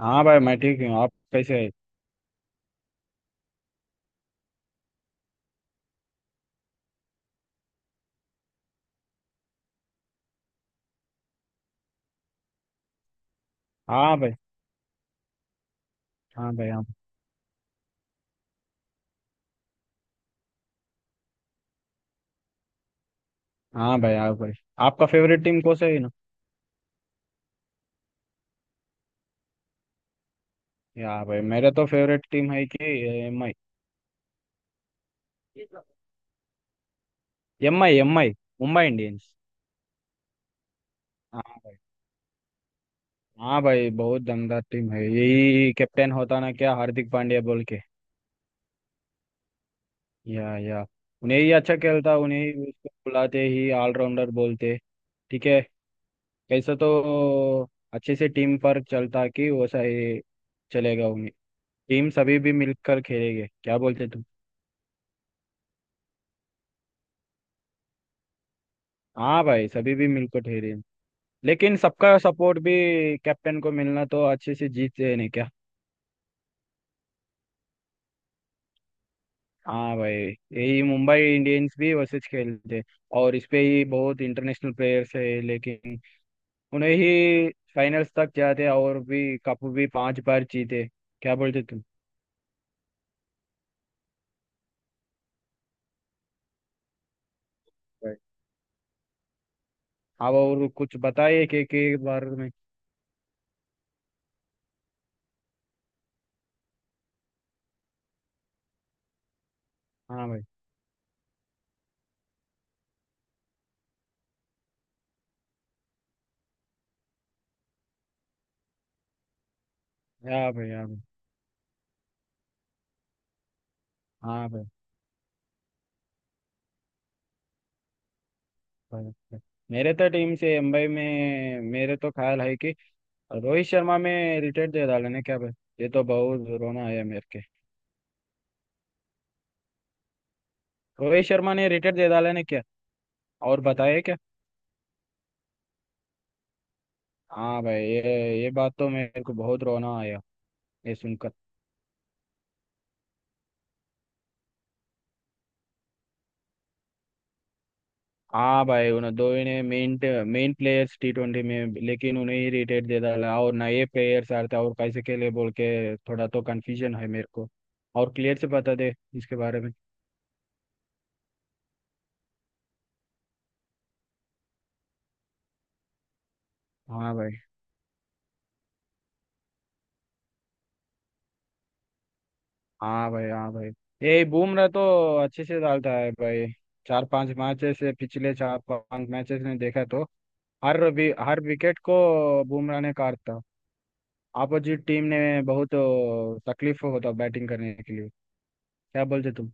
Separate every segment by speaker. Speaker 1: हाँ भाई, मैं ठीक हूँ। आप कैसे हैं? हाँ भाई। हाँ भाई। हाँ। हाँ भाई। हाँ भाई। आपका फेवरेट टीम कौन सा है ना? या भाई, मेरा तो फेवरेट टीम है कि M I. M I M I. Mumbai Indians. हाँ। हाँ भाई, बहुत दमदार टीम है। यही कैप्टन होता ना क्या, हार्दिक पांड्या बोल के? या या। उन्हें ही अच्छा खेलता, उन्हें ही उसको बुलाते ही ऑलराउंडर बोलते। ठीक है। कैसे तो अच्छे से टीम पर चलता कि वैसा ही चलेगा उन्हें। टीम सभी भी मिलकर खेलेंगे, क्या बोलते तुम? हाँ भाई, सभी भी मिलकर ठहरे हैं। लेकिन सबका सपोर्ट भी कैप्टन को मिलना तो अच्छे से जीतते हैं नहीं क्या? हाँ भाई। यही मुंबई इंडियंस भी वैसे खेलते हैं। और इस पे ही बहुत इंटरनेशनल प्लेयर्स है लेकिन उन्हें ही फाइनल्स तक जाते हैं और भी कप भी पांच बार जीते। क्या बोलते तुम? भाई, आप और कुछ बताइए कि के बारे में। हाँ भाई। हाँ भाई। हाँ भाई। हाँ भाई। भाई, भाई। मेरे तो टीम से मुंबई में मेरे तो ख्याल है कि रोहित शर्मा में रिटायर दे डाले ने क्या भाई? ये तो बहुत रोना आया मेरे के। रोहित शर्मा ने रिटायर दे डाले ने क्या? और बताया क्या? हाँ भाई, ये बात तो मेरे को बहुत रोना आया ये सुनकर। हाँ भाई, उन्हें दो इन्हें main main players T twenty में, लेकिन उन्हें ही रिटायर दे डाला और नए प्लेयर्स आ रहे थे और कैसे खेले बोल के थोड़ा तो कंफ्यूजन है मेरे को। और क्लियर से बता दे इसके बारे में। हाँ भाई। हाँ भाई। हाँ भाई। ये बुमराह तो अच्छे से डालता है भाई। चार पांच मैचेस से, पिछले चार पांच मैचेस ने देखा तो हर विकेट को बुमराह ने काटा। अपोजिट टीम ने बहुत तकलीफ होता बैटिंग करने के लिए। क्या बोलते तुम?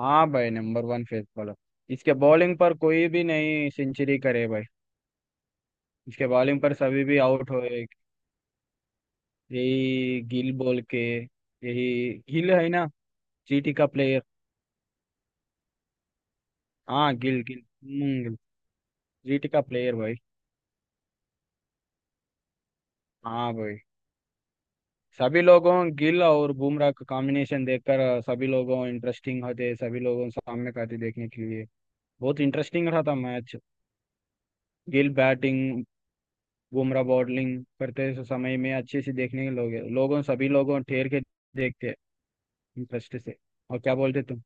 Speaker 1: हाँ भाई, नंबर वन फेस बॉलर। इसके बॉलिंग पर कोई भी नहीं सेंचुरी करे भाई। इसके बॉलिंग पर सभी भी आउट हो। यही गिल बोल के। यही गिल है ना, जीटी का प्लेयर। हाँ गिल गिल। हम्म, जीटी का प्लेयर भाई। हाँ भाई, सभी लोगों गिल और बुमराह का कॉम्बिनेशन देखकर सभी लोगों इंटरेस्टिंग होते, सभी लोगों सामने का थे देखने के लिए। बहुत इंटरेस्टिंग रहा था match. Gill batting, Bumrah bowling करते समय में अच्छे से देखने के लोग लोगों सभी लोगों ठेर के देखते इंटरेस्ट से। और क्या बोलते तुम?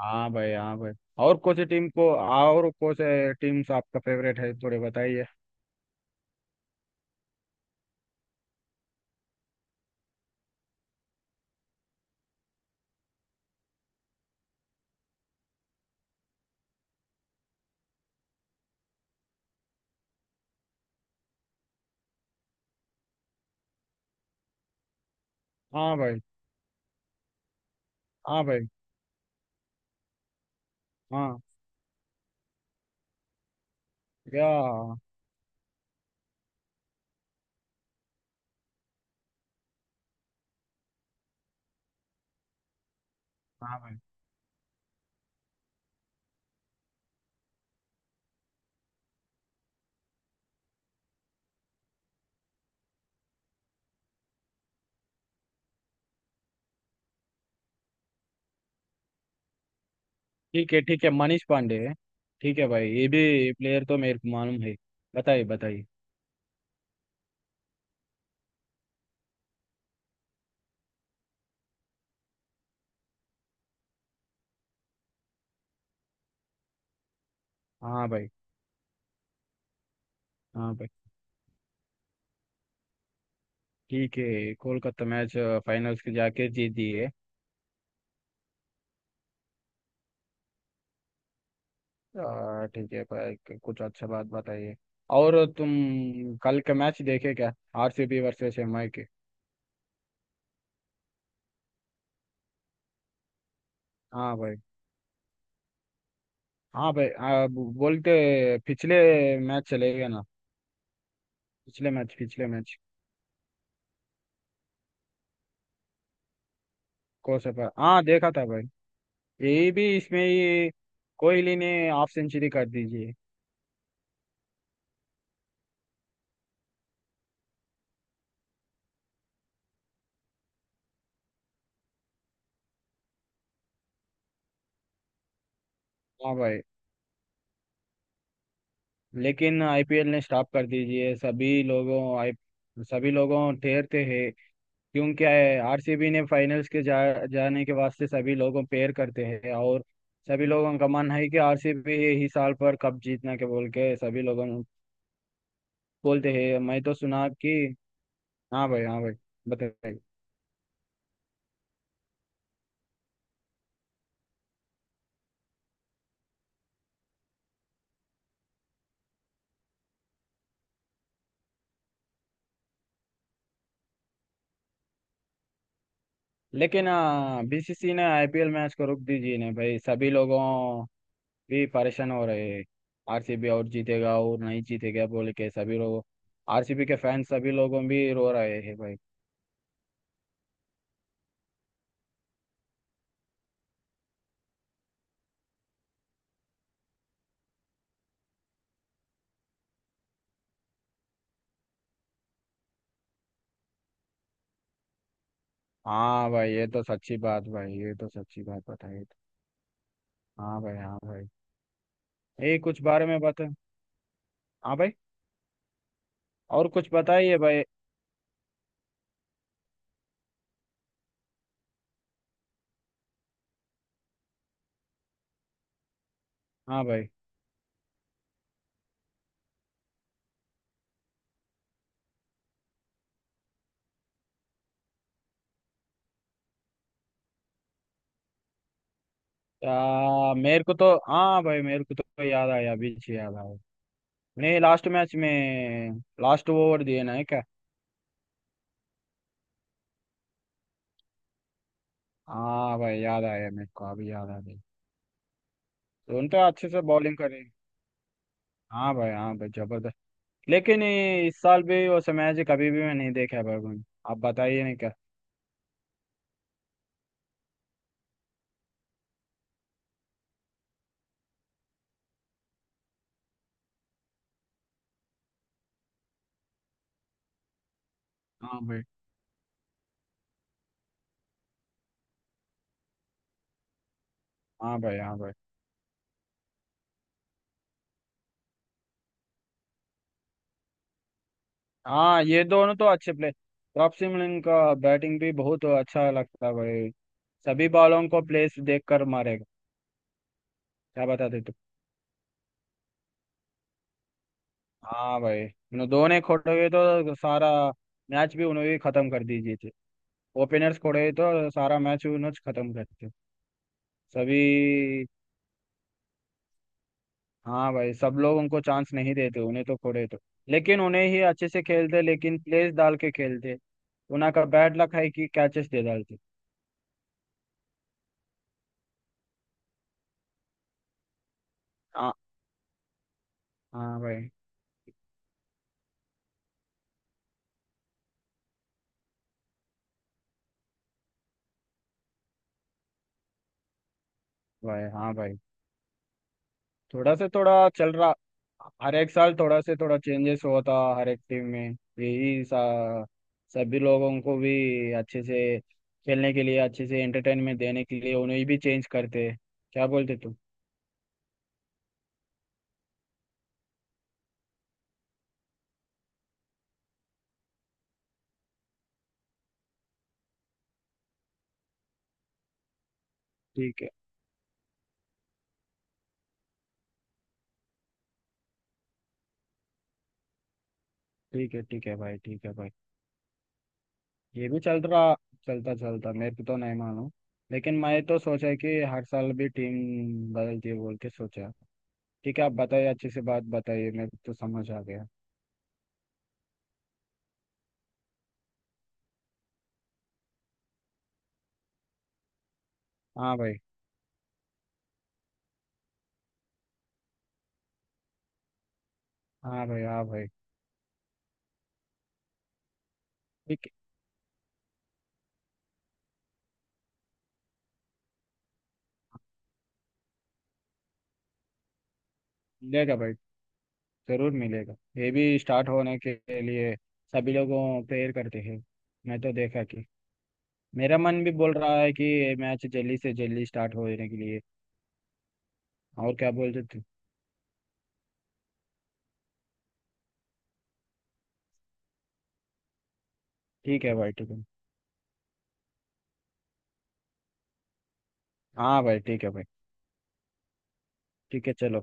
Speaker 1: हाँ भाई। हाँ भाई। और कौन सी टीम को, और कौन से टीम्स आपका फेवरेट है थोड़े बताइए। हाँ भाई। हाँ भाई। हाँ। या। हाँ भाई। ठीक है, ठीक है। मनीष पांडे है। ठीक है भाई, ये भी प्लेयर तो मेरे को मालूम है। बताइए बताइए। हाँ भाई। हाँ भाई। ठीक है, कोलकाता मैच फाइनल्स के जाके जीत दिए। ठीक है भाई। कुछ अच्छा बात बताइए। और तुम कल का मैच देखे क्या, आरसीबी वर्सेस एमआई के? हाँ भाई। हाँ भाई, बोलते पिछले मैच चले गए ना। पिछले मैच, पिछले मैच। कोसपर हाँ देखा था भाई। यही भी इसमें ये कोहली ने हाफ सेंचुरी कर दीजिए। हाँ भाई। लेकिन आईपीएल ने स्टॉप कर दीजिए, सभी लोगों आई सभी लोगों ठहरते हैं। क्यों क्या है, आरसीबी ने फाइनल्स के जाने के वास्ते सभी लोगों प्रेयर करते हैं और सभी लोगों का मन है कि आरसीबी ही साल पर कप जीतना के बोल के सभी लोगों बोलते हैं, मैं तो सुना कि। हाँ भाई। हाँ भाई। बताइए। लेकिन हाँ, बीसीसी ने आईपीएल मैच को रोक दीजिए ना भाई, सभी लोगों भी परेशान हो रहे हैं। आरसीबी और जीतेगा और नहीं जीतेगा बोले के सभी लोग, आरसीबी के फैंस सभी लोगों भी रो रहे हैं भाई। हाँ भाई, ये तो सच्ची बात भाई। ये तो सच्ची बात बताई। हाँ भाई। हाँ भाई। ये कुछ बारे में बता। हाँ भाई। और कुछ बताइए भाई। हाँ भाई। मेरे को तो हाँ भाई, मेरे को तो याद आया, बीच याद आया नहीं। लास्ट मैच में लास्ट ओवर दिए ना है क्या? हाँ भाई, याद आया मेरे को, अभी याद आ गई। तो उन तो अच्छे से बॉलिंग करे। हाँ भाई। हाँ भाई, जबरदस्त। लेकिन ये इस साल भी और समयाजी कभी भी मैं नहीं देखा है भाई मैंने। आप बताइए नहीं क्या? हाँ भाई। हाँ भाई। हाँ भाई। हाँ, ये दोनों तो अच्छे प्लेयर। रॉब लिन का बैटिंग भी बहुत अच्छा लगता है भाई। सभी बॉलों को प्लेस देख कर मारेगा। क्या बताते तुम? हाँ भाई, उन्होंने दोनों खोटे हुए तो सारा मैच भी उन्होंने ही खत्म कर दीजिए थे। ओपनर्स खोटे हुए तो सारा मैच उन्होंने खत्म करते सभी। हाँ भाई, सब लोग उनको चांस नहीं देते उन्हें तो खोड़े तो। लेकिन उन्हें ही अच्छे से खेलते, लेकिन प्लेस डाल के खेलते। उन्हें का बैड लक है कि कैचेस दे डालते। हाँ। हाँ भाई। भाई। हाँ भाई, थोड़ा से थोड़ा चल रहा। हर एक साल थोड़ा से थोड़ा चेंजेस होता हर एक टीम में। यही सा सभी लोगों को भी अच्छे से खेलने के लिए, अच्छे से एंटरटेनमेंट देने के लिए उन्हें भी चेंज करते। क्या बोलते तुम? ठीक है। ठीक है। ठीक है भाई, ठीक है भाई। ये भी चल रहा, चलता चलता मैं तो नहीं मानू। लेकिन मैं तो सोचा कि हर साल भी टीम बदलती है बोल के सोचा। ठीक है, आप बताइए अच्छे से बात बताइए, मेरे को तो समझ आ गया। हाँ भाई। हाँ भाई। हाँ भाई। ठीक है, मिलेगा भाई, जरूर मिलेगा। ये भी स्टार्ट होने के लिए सभी लोगों प्रेयर करते हैं। मैं तो देखा कि मेरा मन भी बोल रहा है कि ये मैच जल्दी से जल्दी स्टार्ट होने के लिए। और क्या बोलते थे? ठीक है भाई, ठीक है। हाँ भाई, ठीक है भाई। ठीक है चलो।